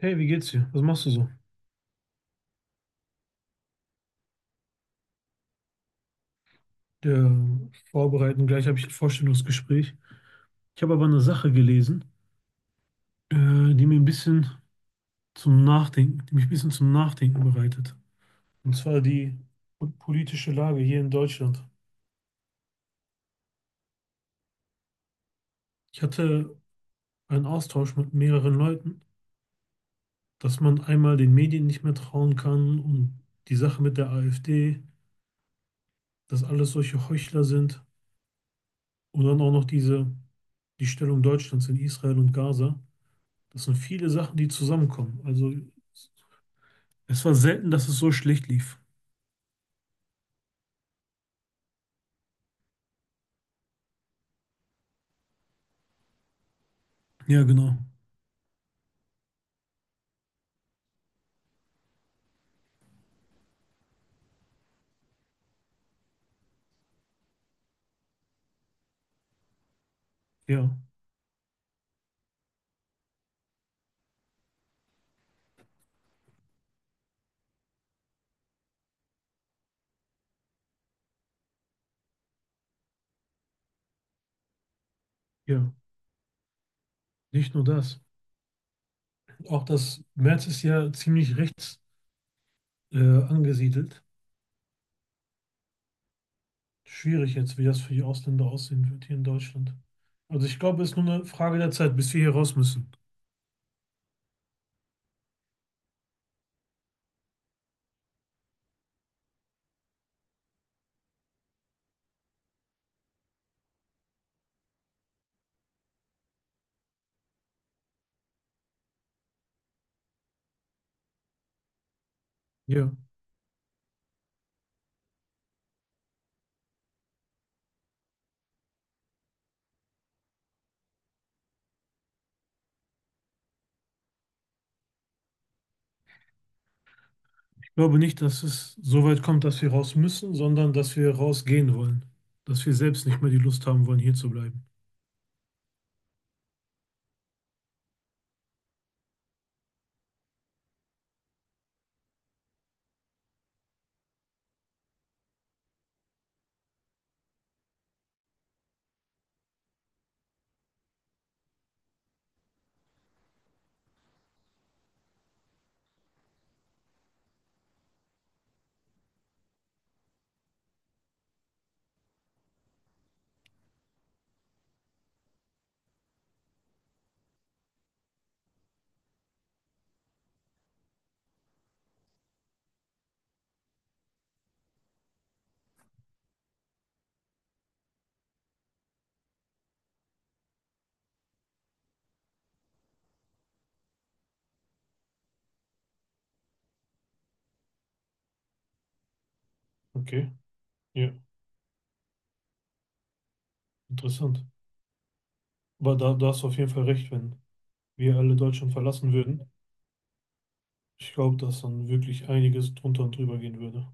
Hey, wie geht's dir? Was machst du so? Ja, vorbereiten, gleich habe ich ein Vorstellungsgespräch. Ich habe aber eine Sache gelesen, die mir ein bisschen zum Nachdenken, die mich ein bisschen zum Nachdenken bereitet. Und zwar die politische Lage hier in Deutschland. Ich hatte einen Austausch mit mehreren Leuten, dass man einmal den Medien nicht mehr trauen kann und die Sache mit der AfD, dass alles solche Heuchler sind und dann auch noch diese, die Stellung Deutschlands in Israel und Gaza. Das sind viele Sachen, die zusammenkommen. Also es war selten, dass es so schlecht lief. Ja, genau. Ja, ja. Nicht nur das. Auch das März ist ja ziemlich rechts äh, angesiedelt. Schwierig jetzt, wie das für die Ausländer aussehen wird hier in Deutschland. Also ich glaube, es ist nur eine Frage der Zeit, bis wir hier raus müssen. Ja. Ich glaube nicht, dass es so weit kommt, dass wir raus müssen, sondern dass wir rausgehen wollen. Dass wir selbst nicht mehr die Lust haben wollen, hier zu bleiben. Okay, ja, interessant. Aber da hast du auf jeden Fall recht, wenn wir alle Deutschland verlassen würden, ich glaube, dass dann wirklich einiges drunter und drüber gehen würde.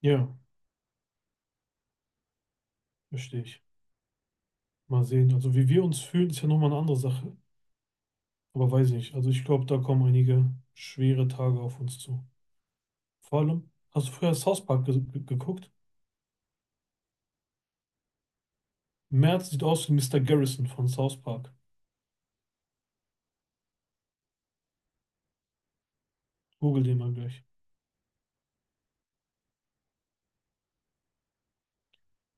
Ja, verstehe ich. Mal sehen. Also wie wir uns fühlen, ist ja nochmal eine andere Sache. Aber weiß nicht. Also ich glaube, da kommen einige schwere Tage auf uns zu. Vor allem, hast du früher South Park ge ge geguckt? Merz sieht aus wie Mister Garrison von South Park. Google den mal gleich.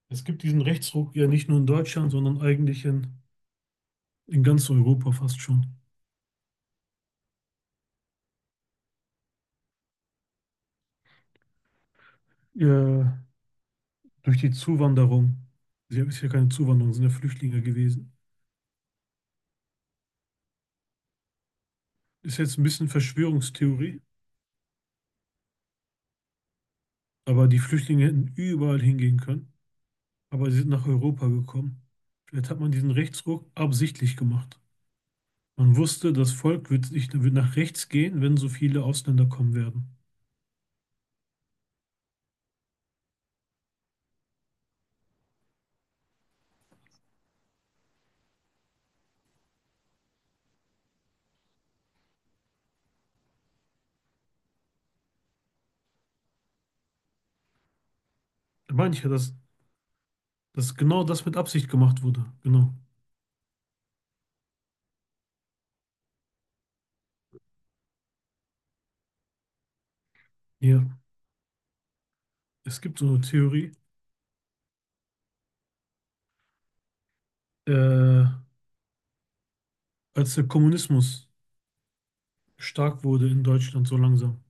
Es gibt diesen Rechtsruck ja nicht nur in Deutschland, sondern eigentlich in ganz Europa fast schon. Ja, durch die Zuwanderung. Sie ist ja keine Zuwanderung, sind ja Flüchtlinge gewesen. Ist jetzt ein bisschen Verschwörungstheorie, aber die Flüchtlinge hätten überall hingehen können, aber sie sind nach Europa gekommen. Vielleicht hat man diesen Rechtsruck absichtlich gemacht. Das Volk wird nach rechts gehen, wenn so viele Ausländer kommen werden. Da meine ich ja, dass genau das mit Absicht gemacht wurde. Genau. Ja, es gibt so eine Theorie, äh, als der Kommunismus stark wurde in Deutschland so langsam,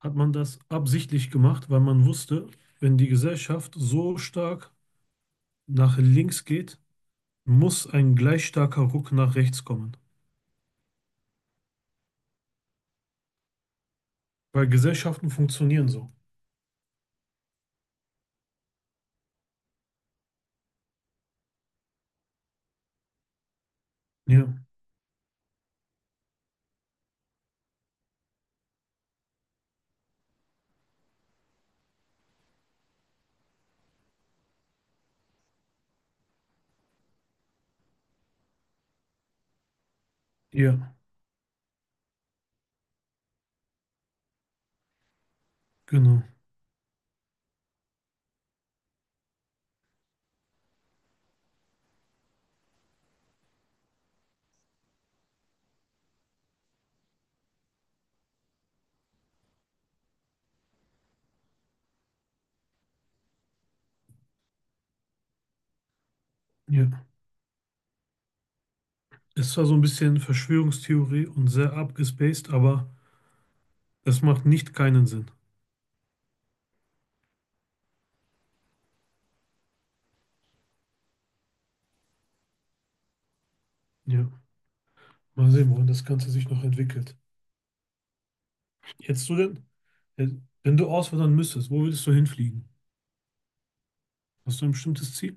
hat man das absichtlich gemacht, weil man wusste, wenn die Gesellschaft so stark nach links geht, muss ein gleich starker Ruck nach rechts kommen. Weil Gesellschaften funktionieren so. Ja, ja, genau. Ja. Es war so ein bisschen Verschwörungstheorie und sehr abgespaced, aber es macht nicht keinen Sinn. Ja. Mal sehen, wohin das Ganze sich noch entwickelt. Hättest du denn, äh, wenn du auswandern müsstest, wo würdest du hinfliegen? Hast du ein bestimmtes Ziel?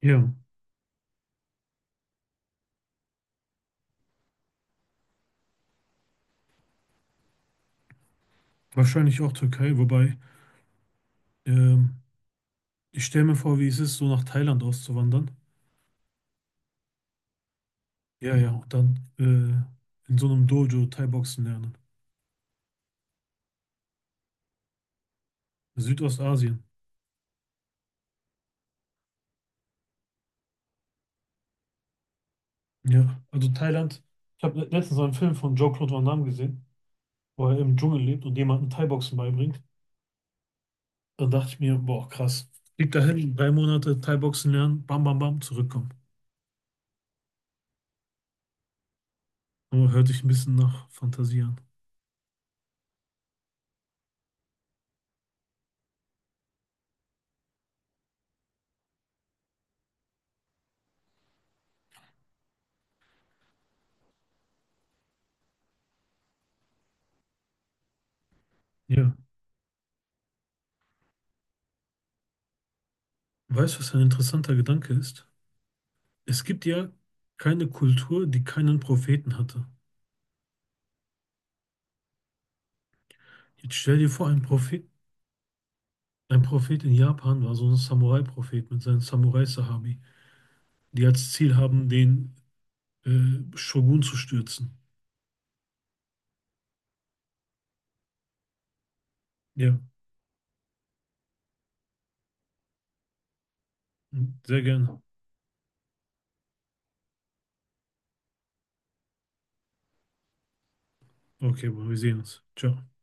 Ja, wahrscheinlich auch Türkei, wobei ähm, ich stelle mir vor, wie es ist, so nach Thailand auszuwandern. Ja, ja, und dann in so einem Dojo Thai-Boxen lernen. Südostasien. Ja, also Thailand. Ich habe letztens einen Film von Jean-Claude Van Damme gesehen, wo er im Dschungel lebt und jemanden Thai-Boxen beibringt. Dann dachte ich mir, boah, krass. Fliegt dahin, 3 Monate Thai-Boxen lernen, bam, bam, bam, zurückkommen. Aber hört sich ein bisschen nach Fantasie an. Ja. Weißt du, was ein interessanter Gedanke ist? Es gibt ja keine Kultur, die keinen Propheten hatte. Jetzt stell dir vor, ein Prophet in Japan war so ein Samurai-Prophet mit seinen Samurai-Sahabi, die als Ziel haben, den Shogun zu stürzen. Ja, sehr gerne. Okay, Bro, wir sehen uns. Ciao.